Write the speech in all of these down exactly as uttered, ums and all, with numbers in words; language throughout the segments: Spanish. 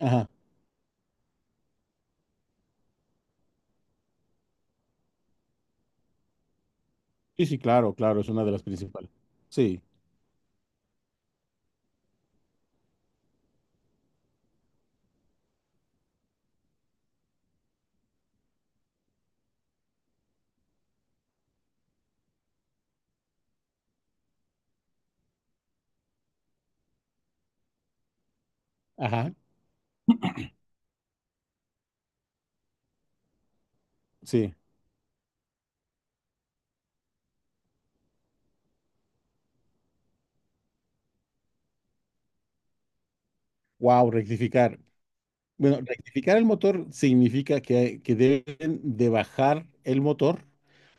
Ajá. Sí, sí, claro, claro, es una de las principales. Sí. Ajá. Sí. Wow, rectificar. Bueno, rectificar el motor significa que, que deben de bajar el motor.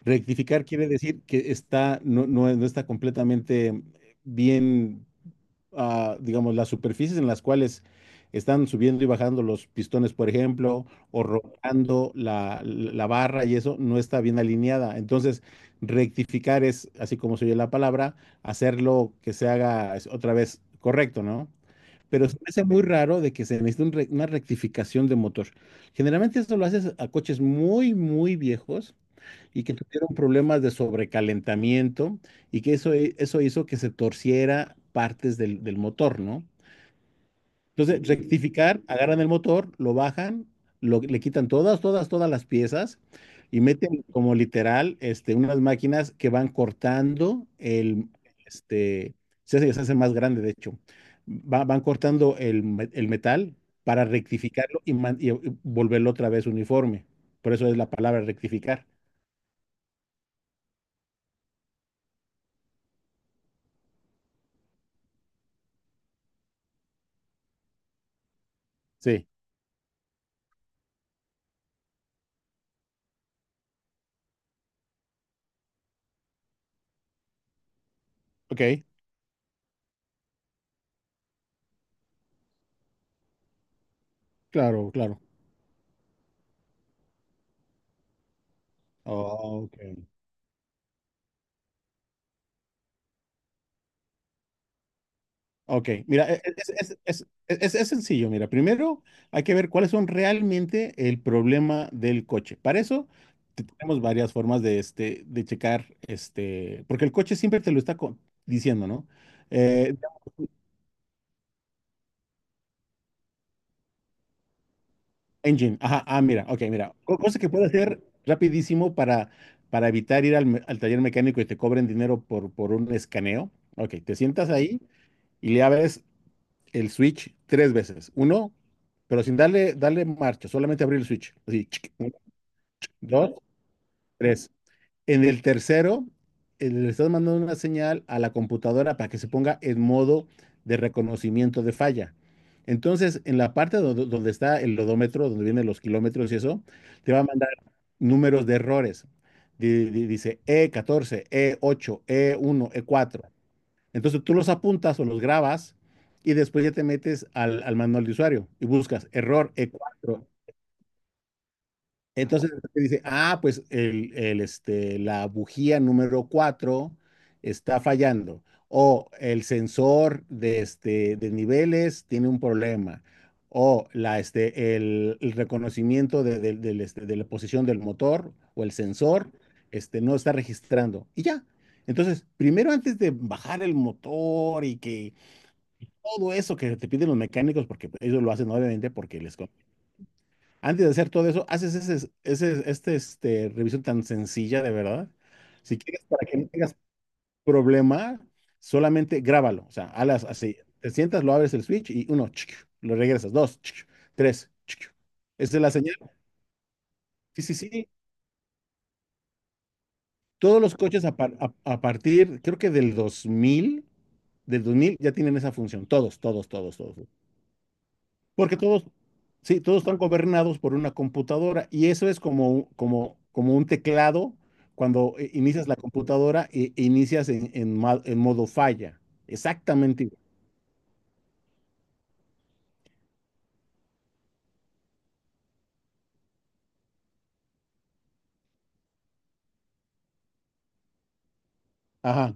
Rectificar quiere decir que está, no, no- no está completamente bien, ah, digamos, las superficies en las cuales están subiendo y bajando los pistones, por ejemplo, o rotando la, la barra y eso no está bien alineada. Entonces, rectificar es, así como se oye la palabra, hacerlo que se haga es, otra vez correcto, ¿no? Pero se me hace muy raro de que se necesite un re- una rectificación de motor. Generalmente esto lo haces a coches muy, muy viejos y que tuvieron problemas de sobrecalentamiento y que eso, eso hizo que se torciera partes del, del motor, ¿no? Entonces, rectificar, agarran el motor, lo bajan, lo, le quitan todas, todas, todas las piezas y meten como literal este, unas máquinas que van cortando el, este, se hace, se hace más grande de hecho. Va- van cortando el, me- el metal para rectificarlo y, man- y volverlo otra vez uniforme. Por eso es la palabra rectificar. Sí, ok, claro, claro. Ok. Ok, mira, e- e, es, es- es- es- es sencillo. Mira, primero hay que ver cuáles son realmente el problema del coche. Para eso te- tenemos varias formas de, este, de checar, este, porque el coche siempre te lo está co- diciendo, ¿no? Eh, engine, ajá, ah, mira, ok, mira, co- cosa que puedes hacer rapidísimo para, para evitar ir al, me- al taller mecánico y te cobren dinero por, por un escaneo. Ok, te sientas ahí y le abres el switch tres veces. Uno, pero sin darle, darle marcha, solamente abrir el switch. Así, chic, un, dos, tres. En el tercero, eh, le estás mandando una señal a la computadora para que se ponga en modo de reconocimiento de falla. Entonces, en la parte do- donde está el odómetro, donde vienen los kilómetros y eso, te va a mandar números de errores. Di- di- Dice e catorce, e ocho, e uno, e cuatro. Entonces tú los apuntas o los grabas y después ya te metes al, al manual de usuario y buscas error e cuatro. Entonces te dice, ah, pues el, el, este, la bujía número cuatro está fallando o el sensor de, este, de niveles tiene un problema o la, este, el, el reconocimiento de, de, del, este, de la posición del motor o el sensor este, no está registrando. Y ya, entonces, primero antes de bajar el motor y que todo eso que te piden los mecánicos, porque pues, ellos lo hacen obviamente porque les... con- Antes de hacer todo eso, haces ese, ese, este, este, revisión tan sencilla, de verdad. Si quieres, para que no tengas problema, solamente grábalo. O sea, alas así. Te sientas, lo abres el switch y uno, chic, lo regresas. Dos, chic, tres, chic. Esa es la señal. Sí, sí, sí. Todos los coches a, par- a- a partir, creo que del dos mil del dos mil ya tienen esa función. Todos, todos, todos, todos. Porque todos, sí, todos están gobernados por una computadora y eso es como, como, como, un teclado cuando eh, inicias la computadora e e inicias en, en, ma- en modo falla. Exactamente. Igual. Ajá,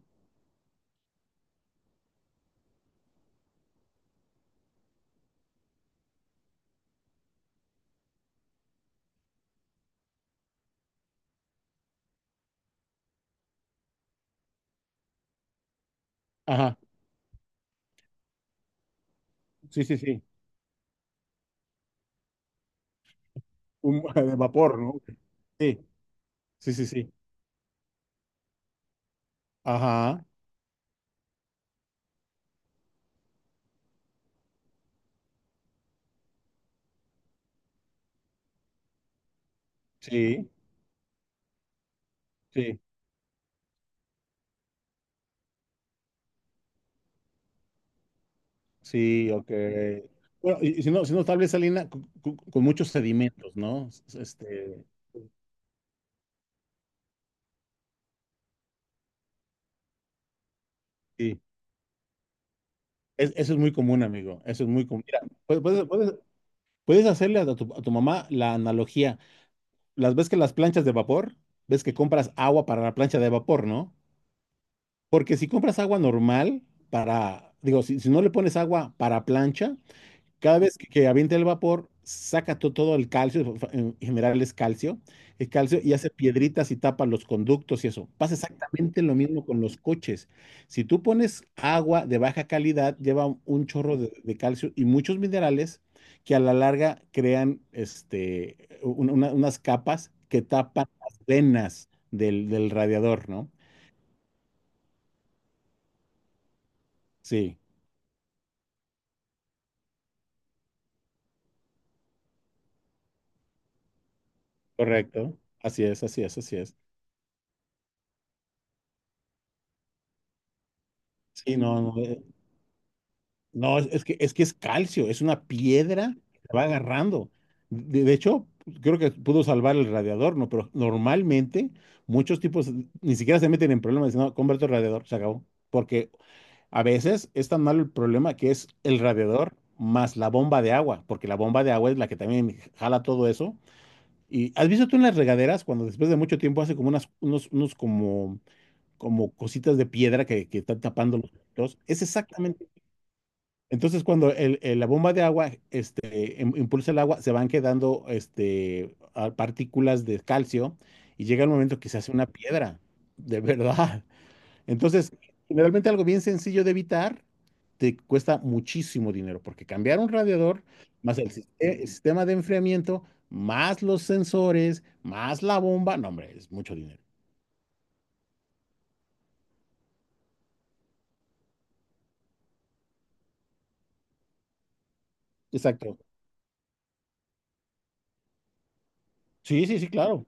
ajá. Sí, sí, sí. Un, de vapor, ¿no? Sí, sí, sí, sí. Ajá, sí, sí, sí, ok. Bueno, y, y si no, si no, tal vez salina con, con- con muchos sedimentos, ¿no? S- Este, sí. Es- eso es muy común, amigo. Eso es muy común. Mira, puedes, puedes, puedes- Puedes hacerle a tu, a tu mamá la analogía. Las ves que las planchas de vapor, ves que compras agua para la plancha de vapor, ¿no? Porque si compras agua normal para, digo, si, si no le pones agua para plancha, cada vez que, que avienta el vapor, saca to- todo el calcio, fa- en general es calcio, el calcio y hace piedritas y tapa los conductos y eso. Pasa exactamente lo mismo con los coches. Si tú pones agua de baja calidad, lleva un un chorro de, de calcio y muchos minerales que a la larga crean este, un- una- unas capas que tapan las venas del, del radiador, ¿no? Sí, correcto. Así es, así es, así es. Sí, no, no, no, es, es que, es que es calcio, es una piedra que te va agarrando. De, de hecho, creo que pudo salvar el radiador, ¿no? Pero normalmente muchos tipos ni siquiera se meten en problemas, dicen, no, convierto el radiador, se acabó. Porque a veces es tan malo el problema que es el radiador más la bomba de agua, porque la bomba de agua es la que también jala todo eso. Y has visto tú en las regaderas cuando después de mucho tiempo hace como unas, unos, unos como, como cositas de piedra que, que están tapando los filtros. Es exactamente entonces, cuando el- el- la bomba de agua este, im- impulsa el agua, se van quedando este, a- partículas de calcio y llega el momento que se hace una piedra, de verdad. Entonces, generalmente algo bien sencillo de evitar te cuesta muchísimo dinero, porque cambiar un radiador, más el, sis- eh, el sistema de enfriamiento, más los sensores, más la bomba, no, hombre, es mucho dinero. Exacto. Sí, sí, sí, claro.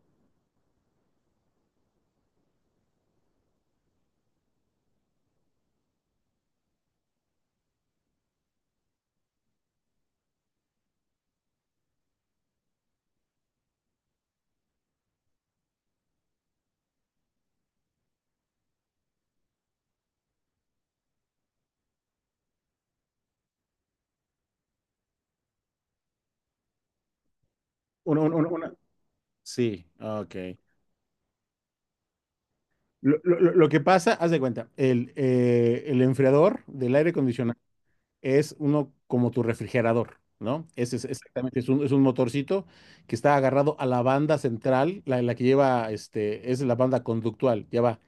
Una, una- una- una- Sí, ok. Lo, lo- lo- lo que pasa, haz de cuenta, el, eh, el enfriador del aire acondicionado es uno como tu refrigerador, ¿no? Ese es exactamente, es un, es un, motorcito que está agarrado a la banda central, la, la que lleva, este, es la banda conductual, ya va.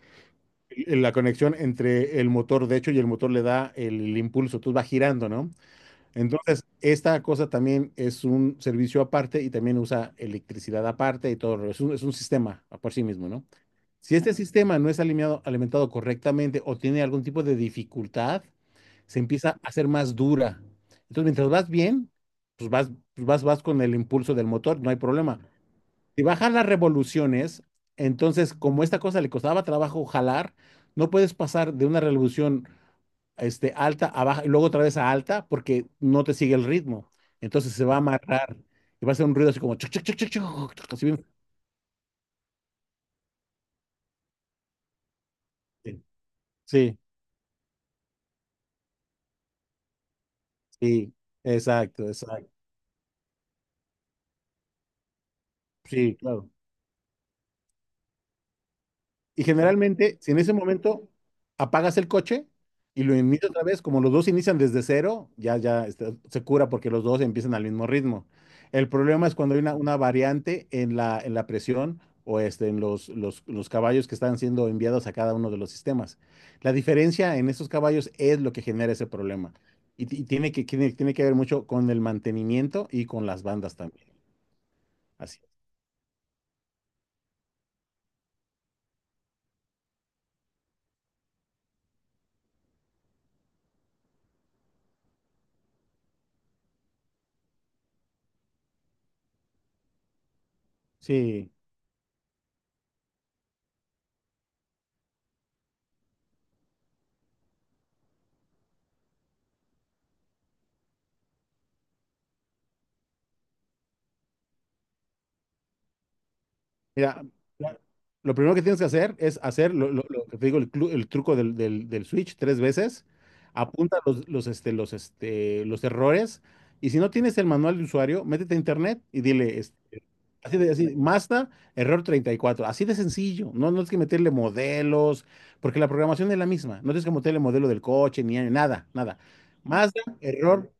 el- La conexión entre el motor, de hecho, y el motor le da el impulso, tú va girando, ¿no? Entonces, esta cosa también es un servicio aparte y también usa electricidad aparte y todo, es un, es un sistema por sí mismo, ¿no? Si este sistema no es alineado- alimentado correctamente o tiene algún tipo de dificultad, se empieza a hacer más dura. Entonces, mientras vas bien, pues vas, pues vas, vas con el impulso del motor, no hay problema. Si bajan las revoluciones, entonces, como esta cosa le costaba trabajo jalar, no puedes pasar de una revolución este, alta a baja y luego otra vez a alta porque no te sigue el ritmo. Entonces se va a amarrar y va a hacer un ruido así como chuc, chuc, chuc, chuc, chuc, así bien. Sí, sí, exacto, exacto. Sí, claro. Y generalmente, si en ese momento apagas el coche y lo inicias otra vez, como los dos inician desde cero, ya, ya, este, se cura porque los dos empiezan al mismo ritmo. El problema es cuando hay una, una variante en la, en la presión o este, en los, los, los caballos que están siendo enviados a cada uno de los sistemas. La diferencia en esos caballos es lo que genera ese problema. Y, ti- y tiene que, tiene, tiene que ver mucho con el mantenimiento y con las bandas también. Así. Sí. Mira, la- lo primero que tienes que hacer es hacer lo, lo- lo que te digo, el, clu- el truco del, del- del switch tres veces. Apunta los, los, este, los, este, los errores. Y si no tienes el manual de usuario, métete a internet y dile, este, así de así, Mazda, error treinta y cuatro. Así de sencillo. No, no tienes que meterle modelos, porque la programación es la misma. No tienes que meterle modelo del coche, ni nada, nada. Mazda, error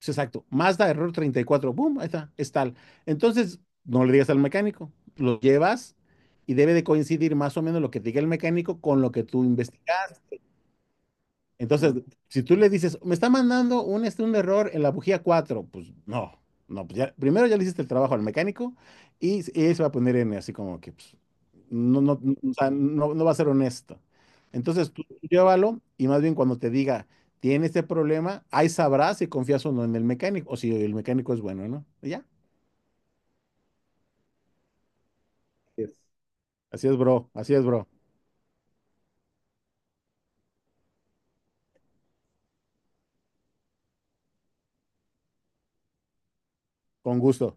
Sí, exacto. Mazda, error treinta y cuatro, boom, ahí está, es tal. Entonces, no le digas al mecánico, lo llevas y debe de coincidir más o menos lo que te diga el mecánico con lo que tú investigas. Entonces, si tú le dices, me está mandando un, este, un error en la bujía cuatro, pues no, no, pues ya, primero ya le hiciste el trabajo al mecánico y, s- y él se va a poner en así como que pues, no, no, no, o sea, no- no va a ser honesto. Entonces, tú tú llévalo y más bien cuando te diga, tiene este problema, ahí sabrás si confías o no en el mecánico o si el mecánico es bueno, ¿no? Y ya, así es, bro, así es, bro, con gusto.